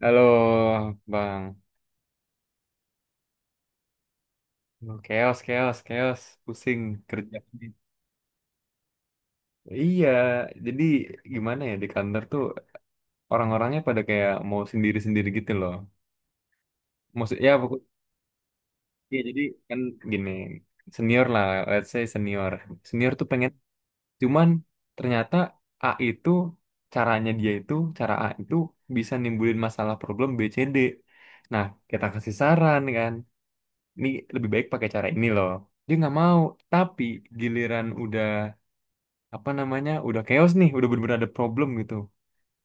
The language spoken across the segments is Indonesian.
Halo, Bang. Aduh, chaos, chaos, chaos. Pusing kerja. Iya, jadi gimana ya di kantor tuh orang-orangnya pada kayak mau sendiri-sendiri gitu loh. Maksud, ya pokok, ya jadi kan gini, senior lah, let's say senior. Senior tuh pengen, cuman ternyata A itu, caranya dia itu, cara A itu bisa nimbulin masalah problem BCD. Nah, kita kasih saran kan. Ini lebih baik pakai cara ini loh, dia nggak mau, tapi giliran udah apa namanya udah chaos nih udah bener-bener ada problem gitu,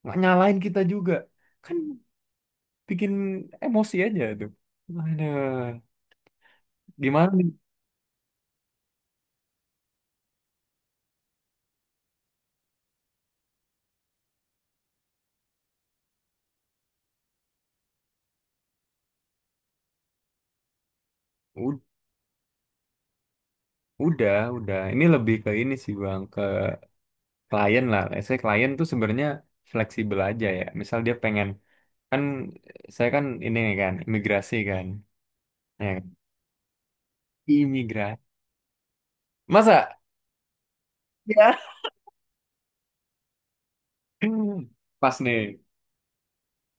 nggak nyalain kita juga kan, bikin emosi aja tuh, ada gimana nih. U- udah ini lebih ke ini sih Bang, ke klien lah. Saya klien tuh sebenarnya fleksibel aja, ya misal dia pengen kan, saya kan ini kan imigrasi kan, ya, imigrasi masa ya. Pas nih.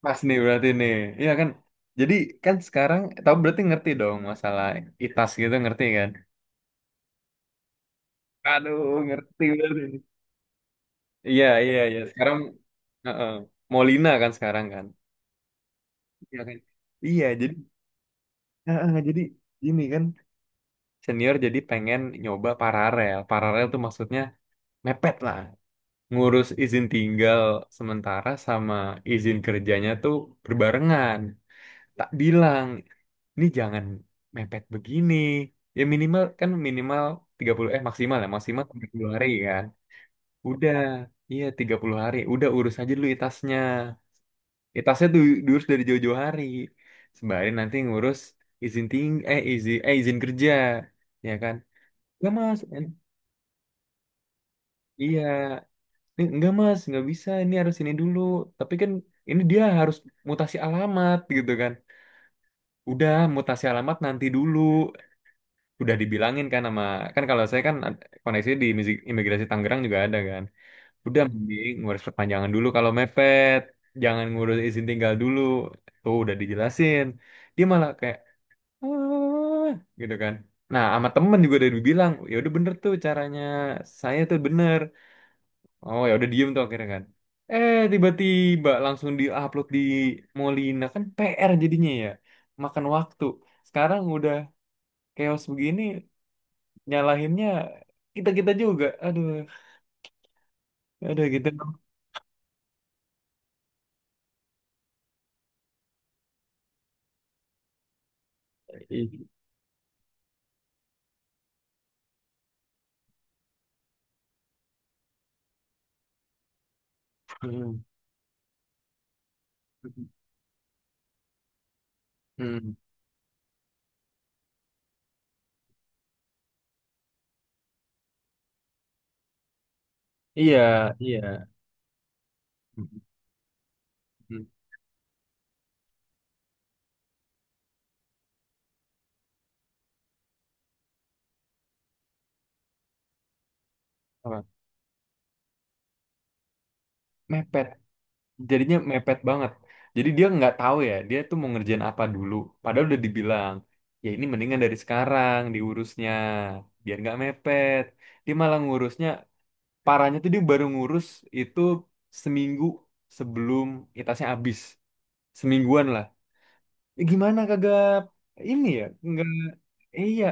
Pas nih berarti nih. Iya kan? Jadi kan sekarang tahu, berarti ngerti dong masalah ITAS gitu, ngerti kan? Aduh, ngerti berarti. Iya, iya, iya. Sekarang heeh, Molina kan sekarang kan. Iya kan? Iya, jadi heeh, jadi gini kan, senior jadi pengen nyoba paralel. Paralel tuh maksudnya mepet lah. Ngurus izin tinggal sementara sama izin kerjanya tuh berbarengan. Tak bilang ini jangan mepet begini. Ya minimal kan minimal 30 maksimal ya, maksimal 30 hari kan. Udah, iya 30 hari. Udah urus aja dulu itasnya. Itasnya tuh diurus dari jauh-jauh hari. Sembari nanti ngurus izin ting eh izin kerja, ya kan? Enggak Mas. Iya. Ini enggak Mas, nggak bisa. Ini harus ini dulu. Tapi kan ini dia harus mutasi alamat gitu kan. Udah, mutasi alamat nanti dulu. Udah dibilangin kan, sama kan, kalau saya kan koneksi di imigrasi Tangerang juga ada kan. Udah mending ngurus perpanjangan dulu kalau mepet, jangan ngurus izin tinggal dulu. Tuh udah dijelasin, dia malah kayak, "Ah," gitu kan. Nah, sama temen juga udah dibilang ya udah bener tuh caranya, saya tuh bener. Oh ya udah, diem tuh akhirnya kan, eh tiba-tiba langsung diupload di Molina kan, PR jadinya ya, makan waktu. Sekarang udah chaos begini, nyalahinnya kita kita juga, aduh, aduh gitu. Ih, hmm, hmm. Iya, iya. Hmm, hmm. Apa, mepet, jadinya mepet banget. Jadi dia nggak tahu ya dia tuh mau ngerjain apa dulu, padahal udah dibilang ya ini mendingan dari sekarang diurusnya biar nggak mepet. Dia malah ngurusnya, parahnya tuh dia baru ngurus itu seminggu sebelum itasnya habis, semingguan lah. Gimana kagak ini ya? Enggak. Iya,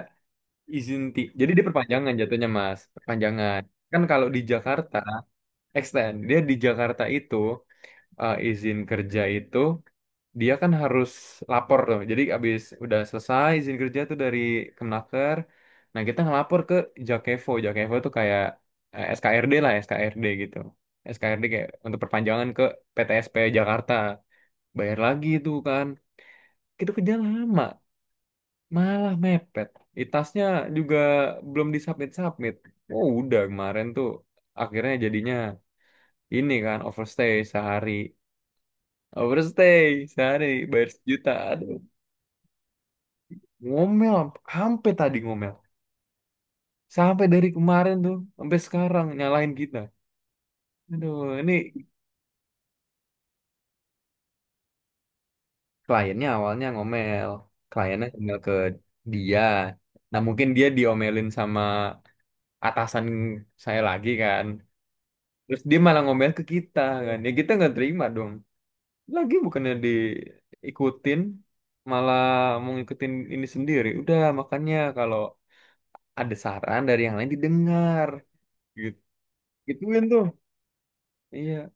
izin ti. Jadi dia perpanjangan jatuhnya, Mas. Perpanjangan. Kan kalau di Jakarta, extend. Dia di Jakarta itu, izin kerja itu dia kan harus lapor tuh. Jadi abis udah selesai izin kerja tuh dari Kemnaker. Nah, kita ngelapor ke Jakevo. Jakevo tuh kayak SKRD lah, SKRD gitu. SKRD kayak untuk perpanjangan ke PTSP Jakarta. Bayar lagi itu kan. Itu kerja lama. Malah mepet. Itasnya juga belum disubmit-submit. Oh, udah kemarin tuh akhirnya jadinya ini kan overstay sehari. Overstay sehari bayar 1 juta. Aduh, ngomel sampai tadi ngomel. Sampai dari kemarin tuh sampai sekarang nyalahin kita. Aduh, ini kliennya awalnya ngomel. Kliennya ngomel ke dia. Nah, mungkin dia diomelin sama atasan saya lagi kan. Terus dia malah ngomel ke kita kan. Ya kita nggak terima dong. Lagi bukannya diikutin, malah mau ngikutin ini sendiri. Udah makanya kalau ada saran dari yang lain didengar. Gitu. Gituin tuh. Iya.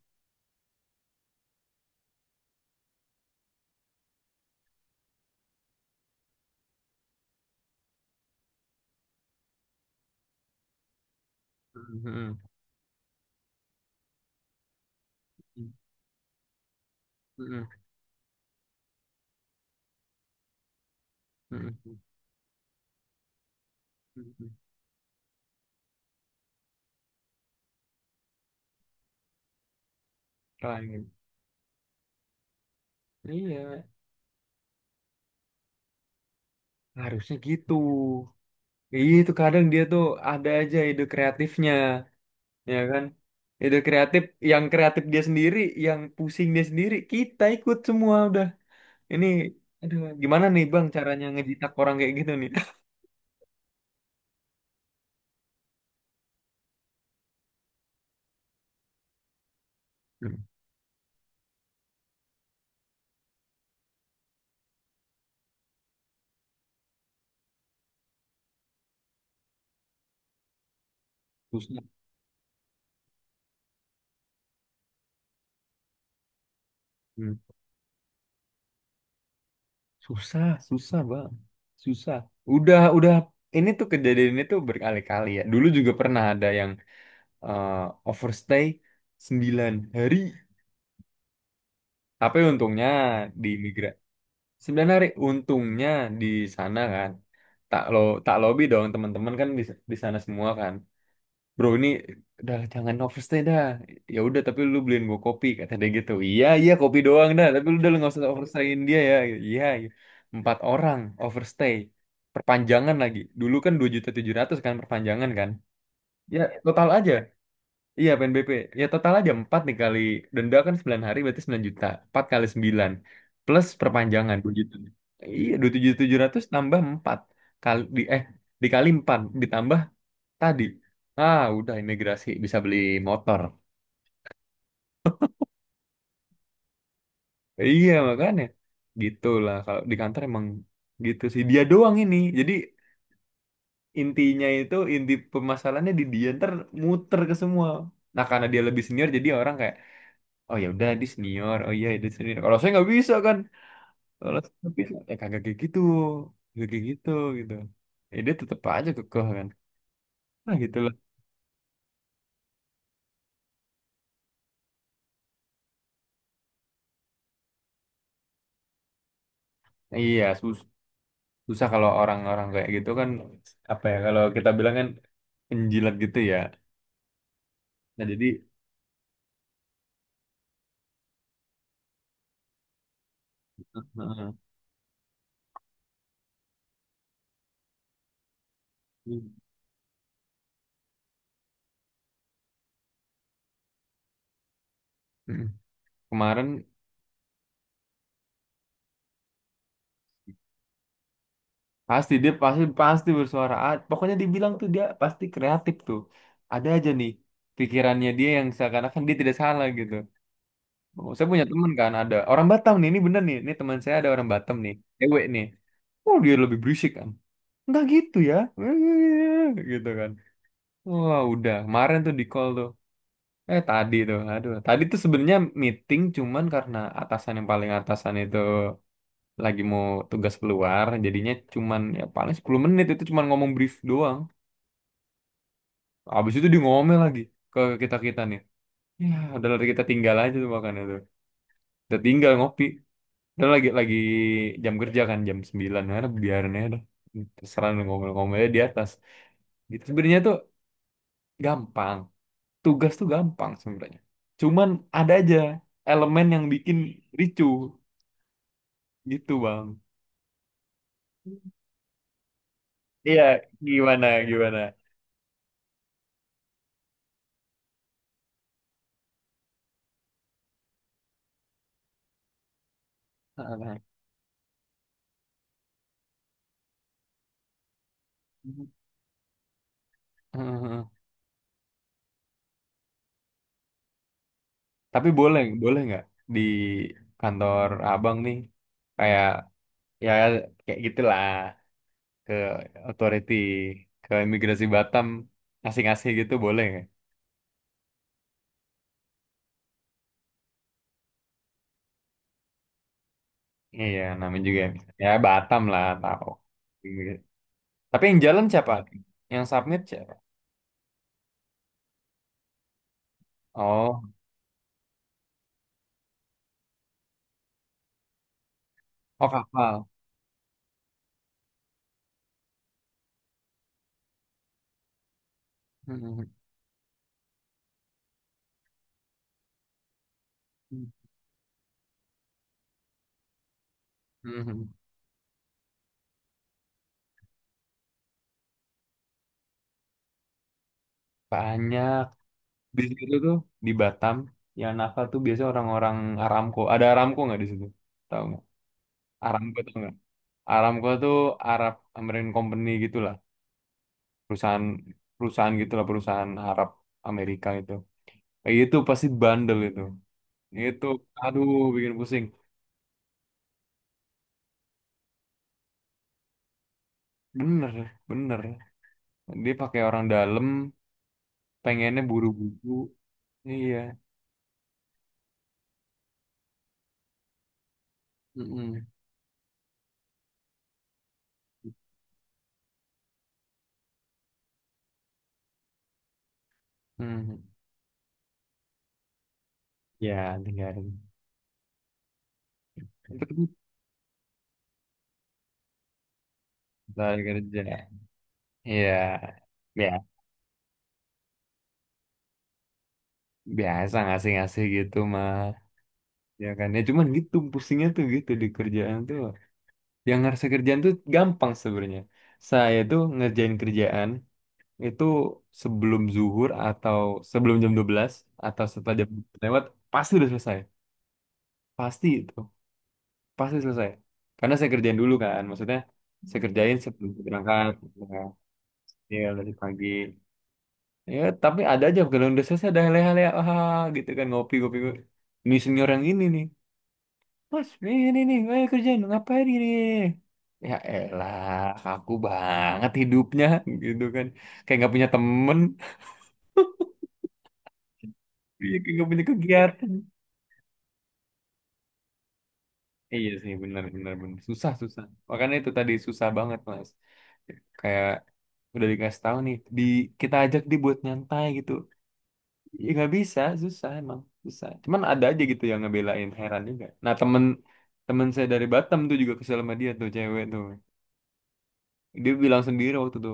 Mhm. Mhm. Mhm. Mhm. Lain. Iya. Harusnya gitu. Iya itu kadang dia tuh ada aja ide kreatifnya. Ya kan? Ide kreatif, yang kreatif dia sendiri, yang pusing dia sendiri, kita ikut semua udah. Ini, aduh, gimana nih Bang caranya ngejitak orang kayak gitu nih? Hmm, susah. Hmm. Susah, susah Bang. Susah. Udah, udah. Ini tuh kejadian ini tuh berkali-kali ya. Dulu juga pernah ada yang eh, overstay 9 hari. Tapi untungnya di migra 9 hari. Untungnya di sana kan. Tak lo, tak lobby dong teman-teman kan di sana semua kan. Bro ini udah jangan overstay dah. Ya udah tapi lu beliin gua kopi, kata dia gitu. Iya iya kopi doang dah, tapi lu udah lu nggak usah overstayin dia, ya. Iya, iya. Empat orang overstay, perpanjangan lagi dulu kan 2.700.000 kan, perpanjangan kan, ya total aja. Iya, PNBP, ya total aja empat dikali. Denda kan 9 hari berarti 9 juta, empat kali sembilan, plus perpanjangan 2 juta, iya dua tujuh, tambah empat kali di eh dikali empat, ditambah tadi, ah udah imigrasi bisa beli motor. Iya makanya gitulah, kalau di kantor emang gitu sih, dia doang ini, jadi intinya itu inti permasalahannya di dia, ntar muter ke semua. Nah karena dia lebih senior, jadi orang kayak oh ya udah dia senior, oh iya dia senior kalau saya nggak bisa kan. Kalau saya nggak bisa ya kagak kayak gitu, kagak kayak gitu gitu. Ya dia tetap aja kekeh kan. Nah gitulah. Iya susah. Susah kalau orang-orang kayak gitu kan, apa ya kalau kita bilang kan penjilat gitu ya. Nah jadi, heeh. Mm. Kemarin pasti dia pasti pasti bersuara. Ah, pokoknya dibilang tuh dia pasti kreatif tuh, ada aja nih pikirannya dia yang seakan-akan dia tidak salah gitu. Oh, saya punya teman kan ada orang Batam nih, ini bener nih, ini teman saya ada orang Batam nih, cewek nih. Oh dia lebih berisik kan, nggak gitu ya, gitu kan. Wah udah kemarin tuh di call tuh. Eh tadi tuh, aduh. Tadi tuh sebenarnya meeting, cuman karena atasan yang paling atasan itu lagi mau tugas keluar, jadinya cuman ya paling 10 menit itu cuman ngomong brief doang. Habis itu dia ngomel lagi ke kita-kita nih. Ya, udah lah, kita tinggal aja tuh makanya tuh. Kita tinggal ngopi. Udah lagi jam kerja kan jam 9 ya, udah biarin aja dah. Terserah lu ngomel-ngomelnya di atas. Gitu sebenarnya tuh gampang. Tugas tuh gampang sebenarnya. Cuman ada aja elemen yang bikin ricuh. Gitu Bang. Iya, gimana gimana. Heeh. Heeh. Tapi boleh boleh nggak di kantor Abang nih kayak ya kayak gitulah, ke authority ke imigrasi Batam ngasih-ngasih gitu boleh nggak? Iya, namanya juga ya Batam lah tahu. Iya. Tapi yang jalan siapa? Yang submit siapa? Oh, oh kapal. Heeh. Heeh. Banyak. Di situ tuh di Batam yang nakal tuh biasanya orang-orang Aramco. Ada Aramco nggak di situ? Tahu nggak? Aramco tuh nggak? Aramco tuh Arab American Company gitulah, perusahaan perusahaan gitulah, perusahaan Arab Amerika itu. Eh, itu pasti bandel itu. Itu aduh bikin pusing. Bener, bener. Dia pakai orang dalam, pengennya buru-buru. Iya. Mm-mm. Mm. Ya, tinggalin. Itu kan kerja. Iya. Ya. Biasa ngasih-ngasih gitu mah, ya kan. Ya cuman gitu pusingnya tuh gitu di kerjaan tuh. Yang ngerasa kerjaan tuh gampang sebenarnya, saya tuh ngerjain kerjaan itu sebelum zuhur atau sebelum jam 12 atau setelah jam 12 lewat pasti udah selesai, pasti itu, pasti selesai. Karena saya kerjain dulu kan, maksudnya saya kerjain sebelum saya berangkat, ya kan? Iya, dari pagi ya. Tapi ada aja kalau udah selesai ada leha-leha ah, gitu kan ngopi-ngopi, ini senior yang ini nih, "Mas, ini nih, ayo kerjain, ngapain ini?" Ya elah, aku banget hidupnya, gitu kan. Kayak nggak punya temen, iya, kayak nggak punya kegiatan. Iya sih, benar, benar, benar. Susah, susah. Makanya itu tadi susah banget, Mas. Kayak udah dikasih tahu nih, di kita ajak dia buat nyantai gitu. Ya nggak bisa, susah emang, susah. Cuman ada aja gitu yang ngebelain, heran juga. Nah, temen temen saya dari Batam tuh juga kesel sama dia tuh, cewek tuh. Dia bilang sendiri waktu itu,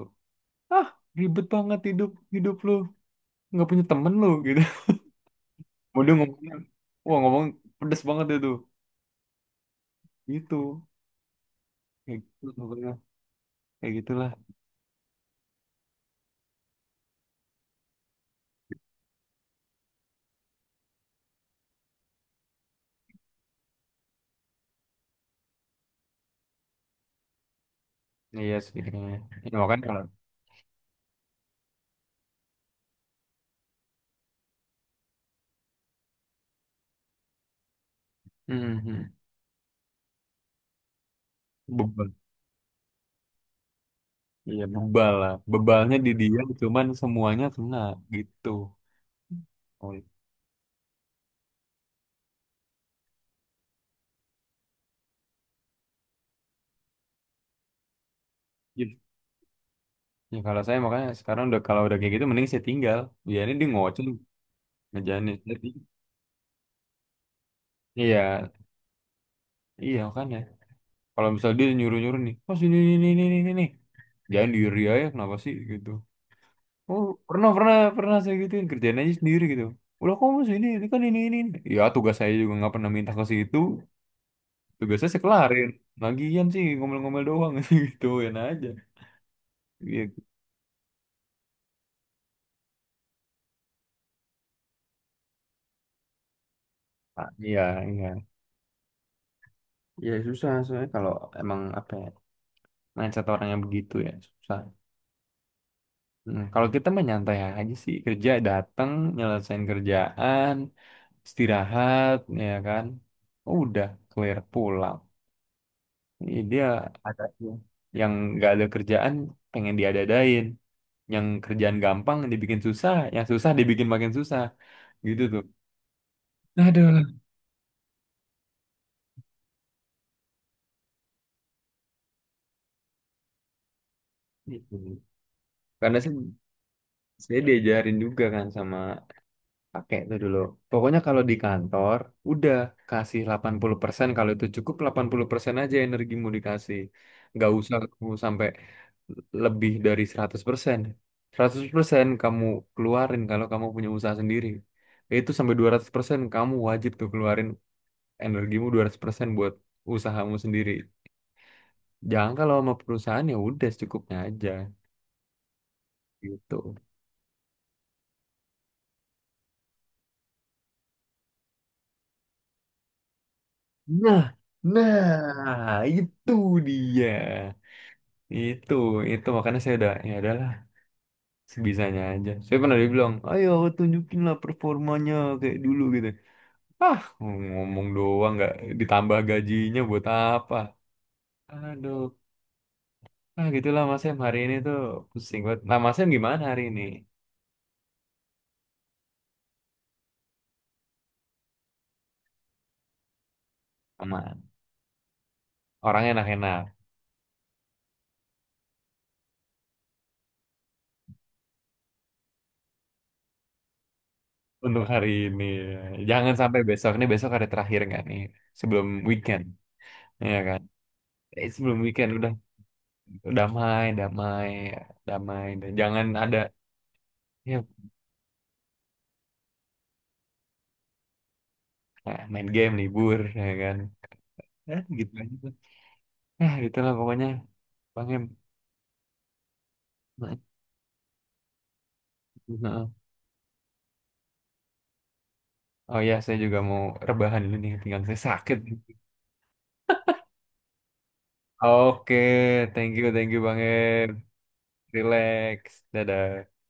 ah ribet banget hidup, hidup lu nggak punya temen lu gitu. Mau dia ngomongnya, wah ngomong pedes banget itu gitu, kayak gitu pokoknya. Kayak gitulah. Iya sih kayaknya ya, makanya kalau hmm, hmm. Bebal, iya bebal lah, bebalnya di dia cuman semuanya kena gitu. Oh, iya. Ya kalau saya makanya sekarang udah kalau udah kayak gitu mending saya tinggal, biarin dia ngoceh, ngejanin, jadi iya iya kan ya. Kalau misalnya dia nyuruh nyuruh nih oh sini ini, jangan diri aja kenapa sih gitu. Oh, pernah, pernah, pernah saya gituin. Kerjaan aja sendiri gitu. "Udah kamu sini, ini kan ini, ini. Ini." Ya, tugas saya juga nggak pernah minta ke situ. Tugas saya kelarin. Lagian sih, ngomel-ngomel doang. Gituin aja. Iya. Ah, iya, iya. Iya, susah soalnya kalau emang apa ya, mindset orang yang begitu ya, susah. Hmm, kalau kita mah nyantai aja sih, kerja datang, nyelesain kerjaan, istirahat, ya kan. Udah, clear pulang. Iya. Dia ada. Yang nggak ada kerjaan pengen diadadain, yang kerjaan gampang dibikin susah, yang susah dibikin makin susah, gitu tuh. Aduh. Gitu. Karena saya diajarin juga kan sama, pakai itu dulu. Pokoknya kalau di kantor, udah kasih 80%. Kalau itu cukup, 80% aja energimu dikasih. Nggak usah kamu sampai lebih dari 100%. 100% kamu keluarin kalau kamu punya usaha sendiri. Itu sampai 200% kamu wajib tuh keluarin, energimu 200% buat usahamu sendiri. Jangan kalau sama perusahaan ya udah secukupnya aja gitu. Nah, nah itu dia. Itu, itu makanya saya udah ya adalah sebisanya aja. Saya pernah dibilang, ayo tunjukin lah performanya kayak dulu gitu. Ah, ngomong doang, nggak ditambah gajinya buat apa? Aduh, ah gitulah Mas Em, hari ini tuh pusing banget. Nah Mas Em gimana hari ini? Aman, orang enak-enak untuk hari ini. Jangan sampai besok, ini besok hari terakhir nggak nih sebelum weekend, ya kan? Eh, sebelum weekend udah damai, damai, damai. Dan jangan ada ya. Nah, main game libur ya kan. Ya, gitu aja tuh. Nah, gitu lah pokoknya. Bang Em. Nah, heeh. Oh ya, saya juga mau rebahan dulu nih, pinggang saya sakit. Oke, thank you Bang Em. Relax. Dadah.